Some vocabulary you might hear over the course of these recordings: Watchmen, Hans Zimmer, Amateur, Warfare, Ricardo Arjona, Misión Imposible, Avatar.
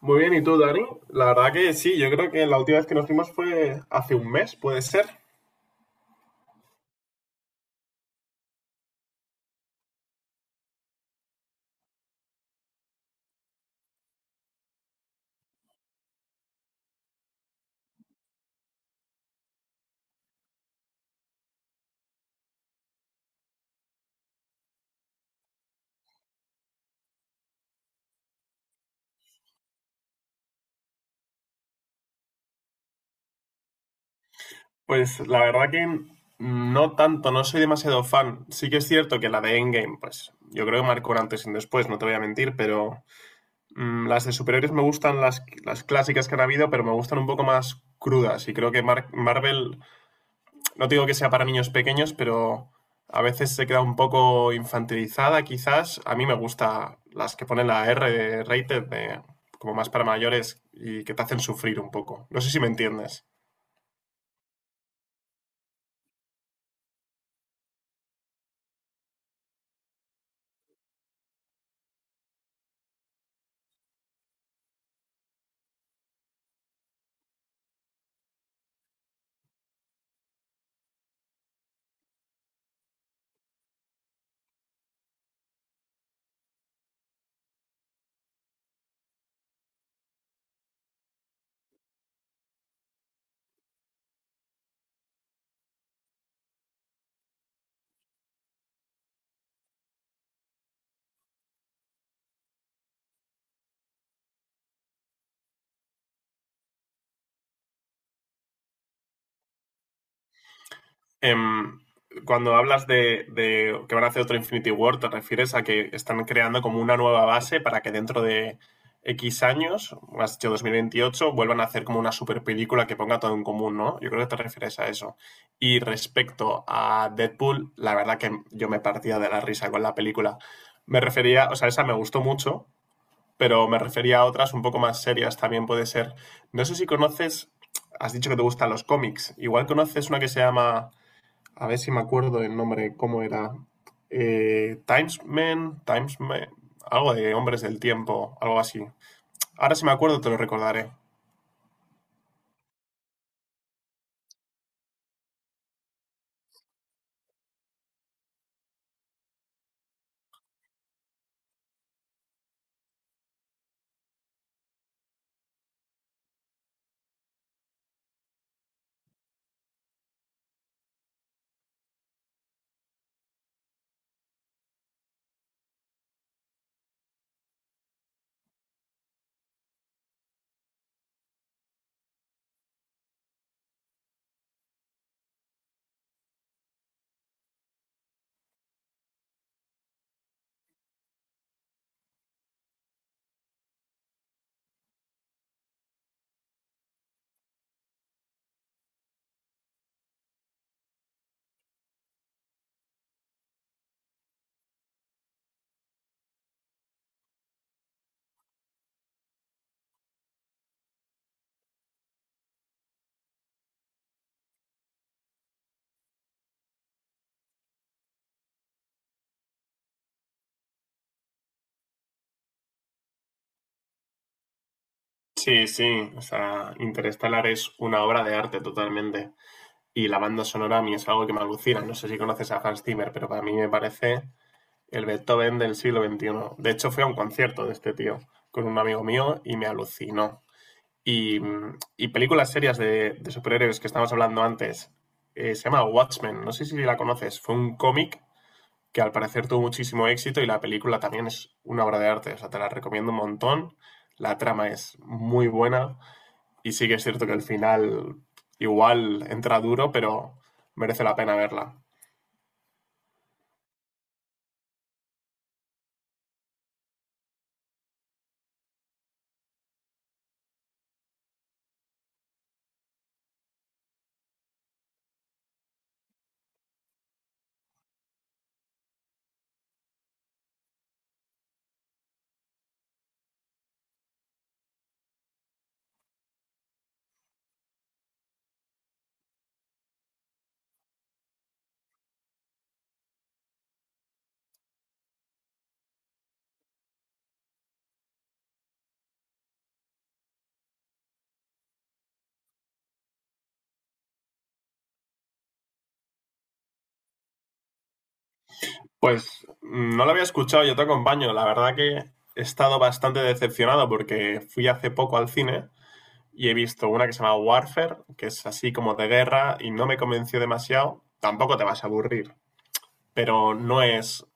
Muy bien, ¿y tú, Dani? La verdad que sí, yo creo que la última vez que nos vimos fue hace un mes, ¿puede ser? Pues la verdad que no tanto, no soy demasiado fan. Sí que es cierto que la de Endgame, pues yo creo que marcó un antes y un después, no te voy a mentir, pero las de superhéroes me gustan las clásicas que han habido, pero me gustan un poco más crudas y creo que Marvel no digo que sea para niños pequeños, pero a veces se queda un poco infantilizada, quizás. A mí me gusta las que ponen la R de rated, de, como más para mayores, y que te hacen sufrir un poco. ¿No sé si me entiendes? Em, Cuando hablas de que van a hacer otro Infinity War, ¿te refieres a que están creando como una nueva base para que dentro de X años, has dicho 2028, vuelvan a hacer como una super película que ponga todo en común? No, yo creo que te refieres a eso. Y respecto a Deadpool, la verdad que yo me partía de la risa con la película. Me refería, o sea, esa me gustó mucho, pero me refería a otras un poco más serias, también puede ser. No sé si conoces, has dicho que te gustan los cómics, igual conoces una que se llama, a ver si me acuerdo el nombre, cómo era. Timesman, Timesman, algo de Hombres del Tiempo, algo así. Ahora si me acuerdo te lo recordaré. Sí, sí, o sea, Interstellar es una obra de arte totalmente. Y la banda sonora a mí es algo que me alucina. No sé si conoces a Hans Zimmer, pero para mí me parece el Beethoven del siglo XXI. De hecho, fui a un concierto de este tío con un amigo mío y me alucinó. Y, y películas serias de superhéroes que estábamos hablando antes. Se llama Watchmen, no sé si la conoces. Fue un cómic que al parecer tuvo muchísimo éxito y la película también es una obra de arte. O sea, te la recomiendo un montón. La trama es muy buena y sí que es cierto que el final igual entra duro, pero merece la pena verla. Pues no la había escuchado, yo te acompaño. La verdad que he estado bastante decepcionado porque fui hace poco al cine y he visto una que se llama Warfare, que es así como de guerra y no me convenció demasiado. Tampoco te vas a aburrir, pero no es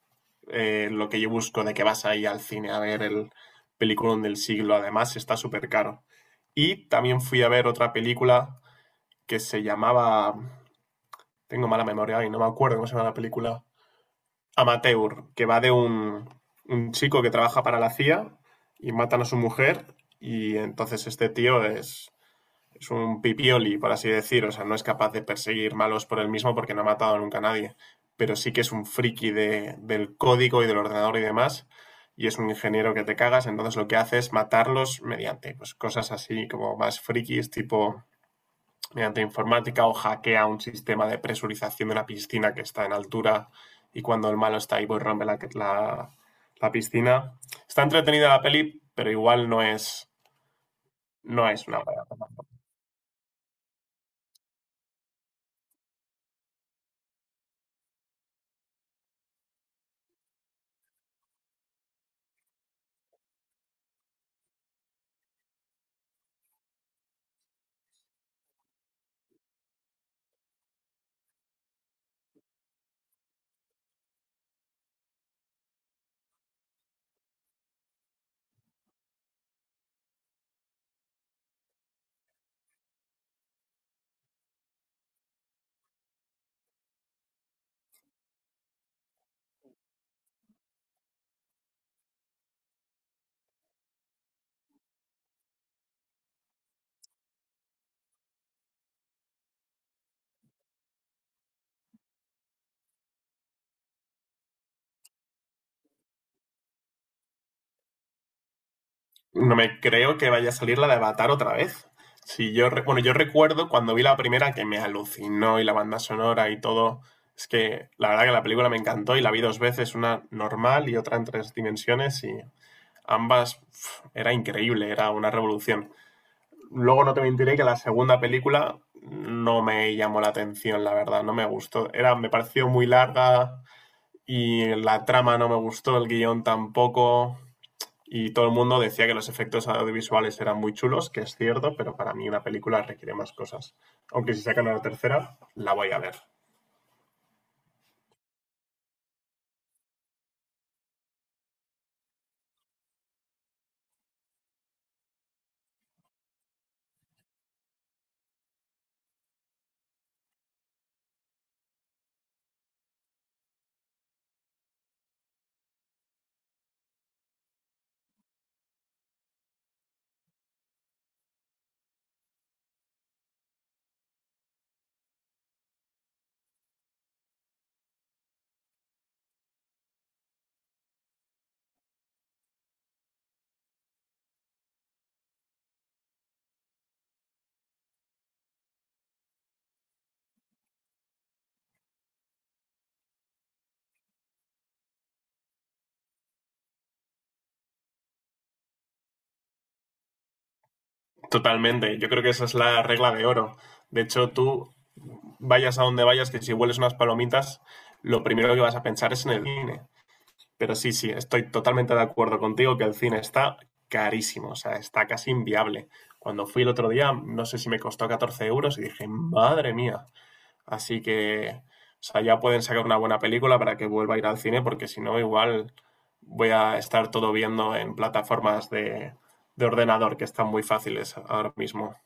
lo que yo busco, de que vas ahí al cine a ver el peliculón del siglo. Además, está súper caro. Y también fui a ver otra película que se llamaba. Tengo mala memoria y no me acuerdo cómo se llama la película. Amateur, que va de un chico que trabaja para la CIA y matan a su mujer. Y entonces este tío es un pipioli, por así decir, o sea, no es capaz de perseguir malos por él mismo porque no ha matado nunca a nadie, pero sí que es un friki del código y del ordenador y demás, y es un ingeniero que te cagas. Entonces lo que hace es matarlos mediante, pues, cosas así como más frikis, tipo mediante informática, o hackea un sistema de presurización de una piscina que está en altura, y cuando el malo está ahí pues rompe la la piscina. Está entretenida la peli, pero igual no es una... No me creo que vaya a salir la de Avatar otra vez. Si yo, bueno, yo recuerdo cuando vi la primera que me alucinó, y la banda sonora y todo. Es que la verdad que la película me encantó y la vi dos veces, una normal y otra en tres dimensiones, y ambas pf, era increíble, era una revolución. Luego no te mentiré que la segunda película no me llamó la atención, la verdad, no me gustó. Era, me pareció muy larga y la trama no me gustó, el guión tampoco. Y todo el mundo decía que los efectos audiovisuales eran muy chulos, que es cierto, pero para mí una película requiere más cosas. Aunque si sacan una tercera, la voy a ver. Totalmente. Yo creo que esa es la regla de oro. De hecho, tú vayas a donde vayas, que si hueles unas palomitas, lo primero que vas a pensar es en el cine. Pero sí, sí, estoy totalmente de acuerdo contigo que el cine está carísimo, o sea, está casi inviable. Cuando fui el otro día, no sé si me costó 14 € y dije, madre mía. Así que, o sea, ya pueden sacar una buena película para que vuelva a ir al cine, porque si no, igual voy a estar todo viendo en plataformas de ordenador que están muy fáciles ahora mismo.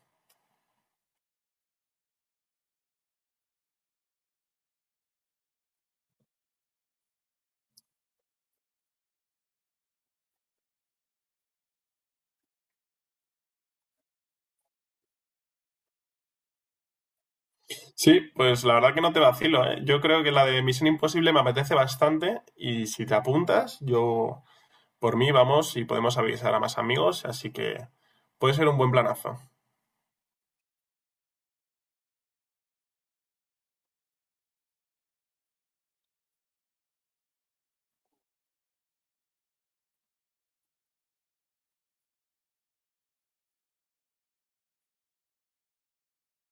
Sí, pues la verdad que no te vacilo, ¿eh? Yo creo que la de Misión Imposible me apetece bastante, y si te apuntas, yo por mí vamos y podemos avisar a más amigos, así que puede ser un buen planazo.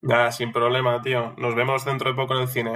Nada, sin problema, tío. Nos vemos dentro de poco en el cine.